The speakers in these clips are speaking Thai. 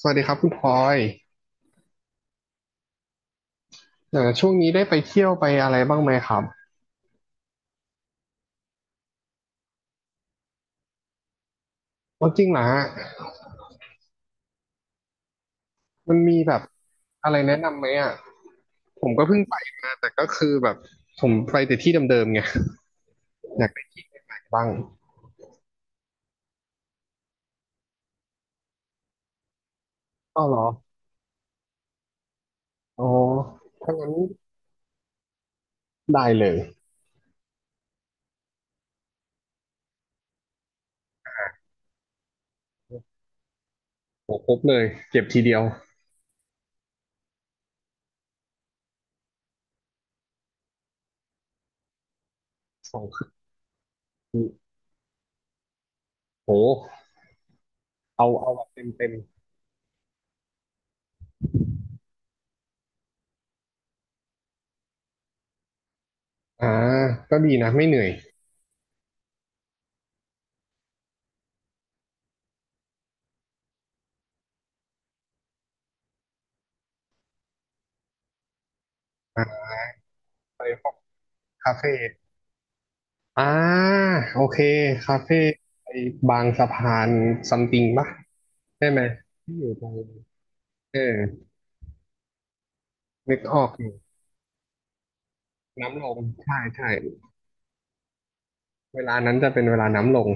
สวัสดีครับคุณพลอยช่วงนี้ได้ไปเที่ยวไปอะไรบ้างไหมครับอ๋อจริงเหรอฮะมันมีแบบอะไรแนะนำไหมอ่ะผมก็เพิ่งไปมาแต่ก็คือแบบผมไปแต่ที่เดิมๆไง อยากไปบ้างอ้าวเหรออ๋อถ้างั้นได้เลยโหครบเลยเก็บทีเดียว2 คืนโหเอาแบบเต็มเต็มอ่าก็ดีนะไม่เหนื่อยอ่าไปพวกคาเฟ่อ่าโอเคคาเฟ่ไอ้บางสะพานซัมติงปะ ใช่ไหมที่อยู่ตรงเออนึกออกอยู่น้ำลงใช่ใช่เวลานั้นจะเป็นเวลาน้ำลง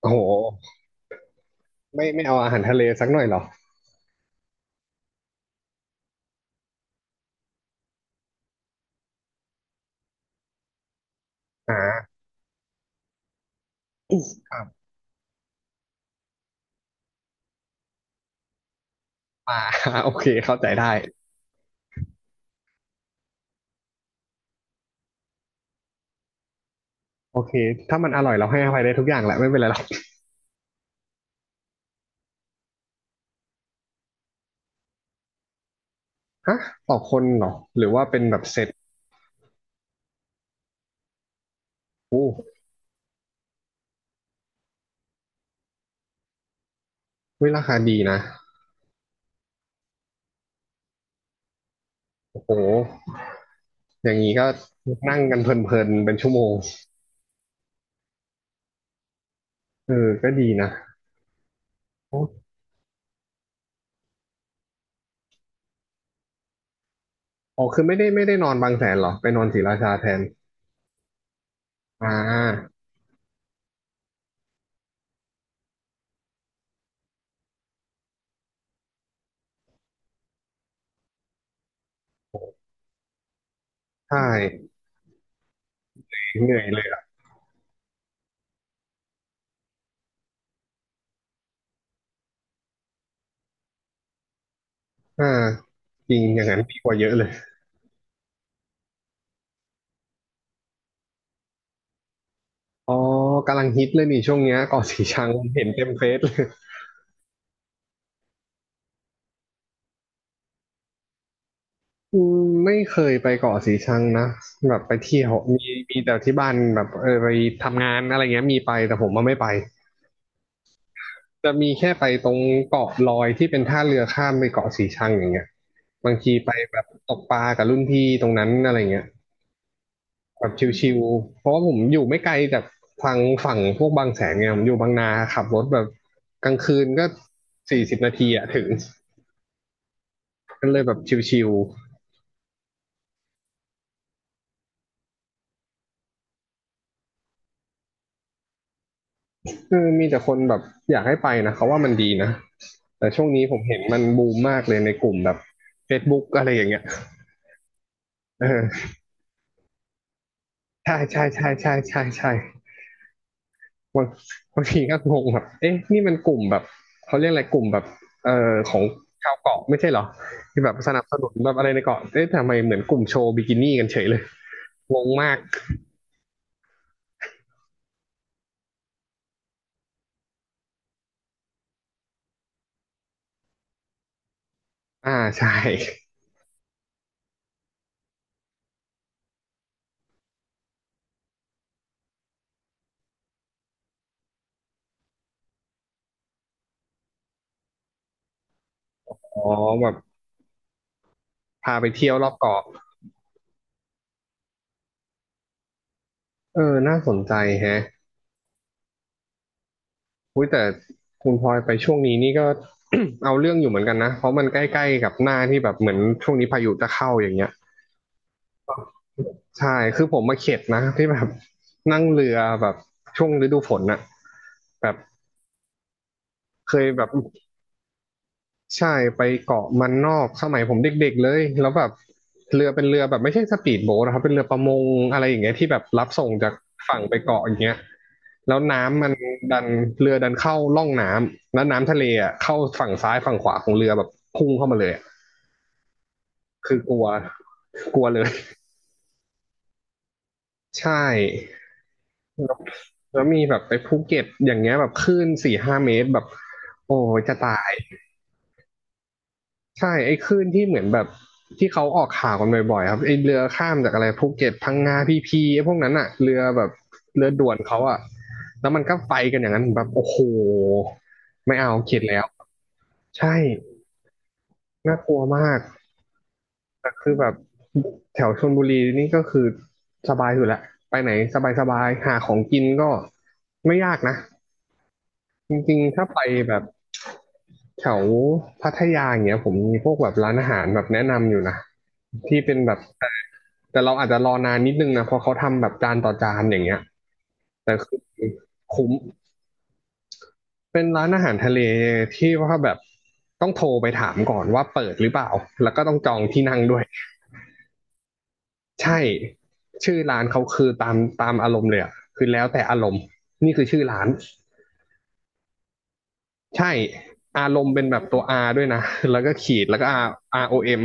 โอ้โหไม่ไม่เอาอาหารทะเลสักหน่อยเหรออ่าครับปลา โอเคเข้าใจได้โอเคถ้ามันอร่อยเราให้อภัยได้ทุกอย่างแหละไม่เป็นไรหรอกฮะต่อคนเหรอหรือว่าเป็นแบบเซ็ตเฮ้ยราคาดีนะโอ้โหอย่างนี้ก็นั่งกันเพลินๆเป็นชั่วโมงเออก็ดีนะโอ้อ๋อคือไม่ได้นอนบางแสนเหรอไปนอนศรีราชาแทนอ่าใช่ เหนื่อยเลยอ่ะอ่าจริงอย่างนั้นดีกว่าเยอะเลยอ๋อกำลังฮิตเลยนี่ช่วงเนี้ยเกาะสีชังเห็นเต็มเฟซเลยอืมไม่เคยไปเกาะสีชังนะแบบไปเที่ยวมีมีแต่ที่บ้านแบบเออไปทำงานอะไรเงี้ยมีไปแต่ผมมาไม่ไปจะมีแค่ไปตรงเกาะลอยที่เป็นท่าเรือข้ามไปเกาะสีชังอย่างเงี้ยบางทีไปแบบตกปลากับรุ่นพี่ตรงนั้นอะไรเงี้ย แบบชิวๆ เพราะว่าผมอยู่ไม่ไกลจากทางฝั่งพวกบางแสนไงผมอยู่บางนาขับรถแบบกลางคืนก็40 นาทีอะถึงก็เลยแบบชิวๆคือมีแต่คนแบบอยากให้ไปนะเขาว่ามันดีนะแต่ช่วงนี้ผมเห็นมันบูมมากเลยในกลุ่มแบบ Facebook อะไรอย่างเงี้ยเออใช่ใช่ใช่ใช่ใช่ใช่ บาง บางทีก็งงแบบเอ๊ะนี่มันกลุ่มแบบเขาเรียกอะไรกลุ่มแบบของชาวเกาะไม่ใช่เหรอที่แบบสนับสนุนแบบอะไรในเกาะเอ๊ะทำไมเหมือนกลุ่มโชว์บิกินี่กันเฉยเลย งงมากอ่าใช่อ๋อแบบพาไปเที่ยวรอบเกาะเออน่าสนใจแฮะอุ้ยแต่คุณพลอยไปช่วงนี้นี่ก็ เอาเรื่องอยู่เหมือนกันนะเพราะมันใกล้ๆกับหน้าที่แบบเหมือนช่วงนี้พายุจะเข้าอย่างเงี้ยใช่คือผมมาเข็ดนะที่แบบนั่งเรือแบบช่วงฤดูฝนน่ะแบบ เคยแบบใช่ไปเกาะมันนอกสมัยผมเด็กๆเลยแล้วแบบเรือเป็นเรือแบบไม่ใช่สปีดโบ๊ทนะครับเป็นเรือประมงอะไรอย่างเงี้ยที่แบบรับส่งจากฝั่งไปเกาะอย่างเงี้ยแล้วน้ำมันดันเรือดันเข้าล่องน้ำแล้วน้ำทะเลอ่ะเข้าฝั่งซ้ายฝั่งขวาของเรือแบบพุ่งเข้ามาเลยอะคือกลัวกลัวเลยใช่แล้วแล้วมีแบบไปภูเก็ตอย่างเงี้ยแบบคลื่น4-5 เมตรแบบโอ้ยจะตาย ใช่ไอ้คลื่นที่เหมือนแบบที่เขาออกข่าวกันบ่อยๆครับไอ้เรือข้ามจากอะไรภูเก็ตพังงาพีพีไอ้พวกนั้นอะเรือแบบเรือด่วนเขาอะแล้วมันก็ไปกันอย่างนั้นแบบโอ้โหไม่เอาเข็ดแล้วใช่น่ากลัวมากแต่คือแบบแถวชลบุรีนี่ก็คือสบายอยู่แล้วไปไหนสบายๆหาของกินก็ไม่ยากนะ จริงๆ ถ้าไปแบบแถวพัทยาอย่างเงี้ยผมมีพวกแบบร้านอาหารแบบแนะนำอยู่นะที่เป็นแบบแต่แต่เราอาจจะรอนานนิดนึงนะเพราะเขาทำแบบจานต่อจานอย่างเงี้ยแต่คือคุ้มเป็นร้านอาหารทะเลที่ว่าแบบต้องโทรไปถามก่อนว่าเปิดหรือเปล่าแล้วก็ต้องจองที่นั่งด้วยใช่ชื่อร้านเขาคือตามอารมณ์เลยอะคือแล้วแต่อารมณ์นี่คือชื่อร้าน ใช่อารมณ์เป็นแบบตัว R ด้วยนะ แล้วก็ขีดแล้วก็ R ROM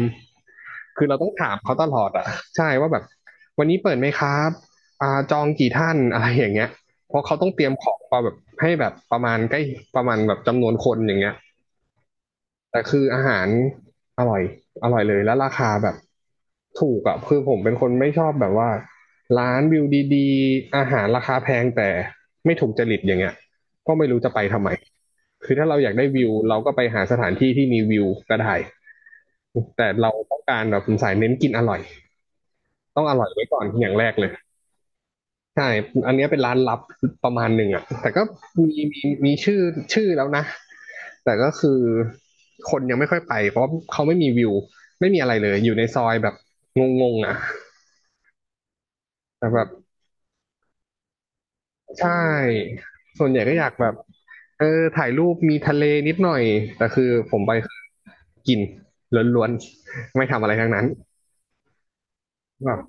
คือเราต้องถามเขาตลอดอ่ะใช่ว่าแบบวันนี้เปิดไหมครับอ่าจองกี่ท่านอะไรอย่างเงี้ยเพราะเขาต้องเตรียมของมาแบบให้แบบประมาณใกล้ประมาณแบบจำนวนคนอย่างเงี้ยแต่คืออาหารอร่อยอร่อยเลยแล้วราคาแบบถูกอ่ะคือผมเป็นคนไม่ชอบแบบว่าร้านวิวดีๆอาหารราคาแพงแต่ไม่ถูกจริตอย่างเงี้ยก็ไม่รู้จะไปทำไม คือถ้าเราอยากได้วิวเราก็ไปหาสถานที่ที่มีวิวก็ได้แต่เราต้องการแบบสายเน้นกินอร่อยต้องอร่อยไว้ก่อนอย่างแรกเลยใช่อันเนี้ยเป็นร้านลับประมาณหนึ่งอ่ะแต่ก็มีมีมีชื่อแล้วนะแต่ก็คือคนยังไม่ค่อยไปเพราะเขาไม่มีวิวไม่มีอะไรเลยอยู่ในซอยแบบงงๆอ่ะแต่แบบ ใช่ ส่วนใหญ่ก็อยากแบบเออถ่ายรูปมีทะเลนิดหน่อยแต่คือผมไปคือกินล้วนๆไม่ทำอะไรทั้งนั้นแบบ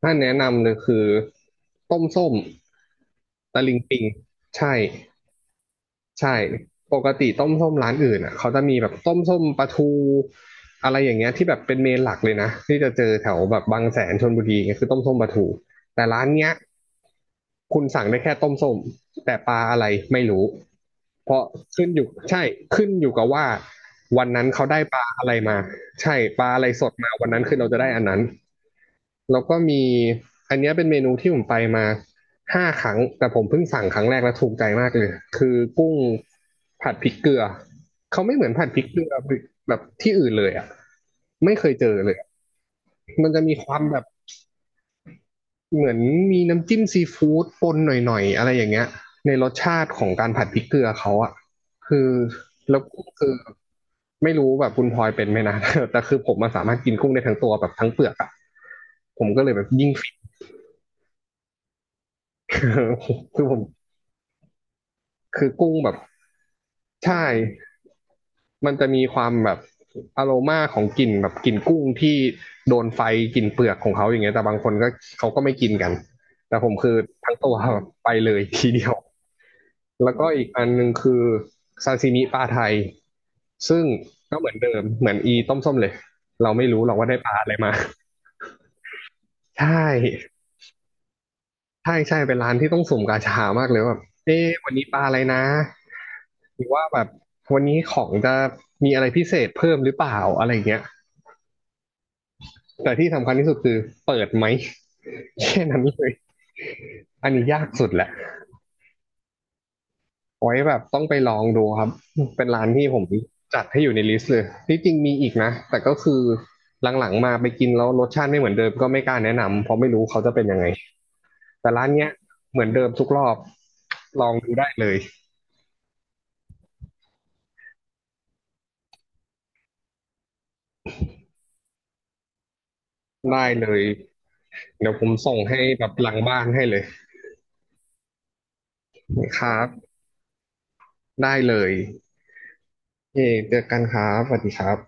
ถ้าแนะนำเลยคือต้มส้มตะลิงปิงใช่ ใช่ปกติต้มส้มร้านอื่นอ่ะเขาจะมีแบบต้มส้มปลาทูอะไรอย่างเงี้ยที่แบบเป็นเมนหลักเลยนะที่จะเจอแถวแบบบางแสนชลบุรีเงี้ยคือต้มส้มปลาทูแต่ร้านเนี้ยคุณสั่งได้แค่ต้มส้มแต่ปลาอะไรไม่รู้เพราะขึ้นอยู่ใช่ขึ้นอยู่กับว่าวันนั้นเขาได้ปลาอะไรมาใช่ปลาอะไรสดมาวันนั้นคือเราจะได้อันนั้นแล้วก็มีอันเนี้ยเป็นเมนูที่ผมไปมา 5 ครั้งแต่ผมเพิ่งสั่งครั้งแรกแล้วถูกใจมากเลยคือกุ้งผัดพริกเกลือเขาไม่เหมือนผัดพริกเกลือแบบที่อื่นเลยอ่ะไม่เคยเจอเลยมันจะมีความแบบเหมือนมีน้ำจิ้มซีฟู้ดปนหน่อยๆอะไรอย่างเงี้ยในรสชาติของการผัดพริกเกลือเขาอ่ะคือแล้วกุ้งคือไม่รู้แบบคุณพลอยเป็นไหมนะ แต่คือผมมันสามารถกินกุ้งได้ทั้งตัวแบบทั้งเปลือกอ่ะผมก็เลยแบบยิ่งฟิน คือผมคือกุ้งแบบใช่ มันจะมีความแบบอโรมาของกลิ่นแบบกลิ่นกุ้งที่โดนไฟกลิ่นเปลือกของเขาอย่างเงี้ยแต่บางคนก็เขาก็ไม่กินกันแต่ผมคือทั้งตัวแบบไปเลยทีเดียวแล้วก็อีกอันหนึ่งคือซาซิมิปลาไทยซึ่งก็เหมือนเดิมเหมือนอีต้มส้มเลยเราไม่รู้หรอกว่าได้ปลาอะไรมาใช่ใช่ใช่เป็นร้านที่ต้องสุ่มกาชามากเลยว่าแบบเอ๊ะวันนี้ปลาอะไรนะหรือว่าแบบวันนี้ของจะมีอะไรพิเศษเพิ่มหรือเปล่าอะไรเงี้ย แต่ที่สำคัญที่สุดคือเปิดไหม แค่นั้นเลยอันนี้ยากสุดแหละไว้แบบต้องไปลองดูครับเป็นร้านที่ผมจัดให้อยู่ในลิสต์เลยที่จริงมีอีกนะแต่ก็คือหลังๆมาไปกินแล้วรสชาติไม่เหมือนเดิมก็ไม่กล้าแนะนำเพราะไม่รู้เขาจะเป็นยังไงแต่ร้านเนี้ยเหมือนเดิมทุกรอบลองดูได้เลยได้เลยเดี๋ยวผมส่งให้แบบหลังบ้านให้เลยครับได้เลยเเจอกันครับสวัสดีครับ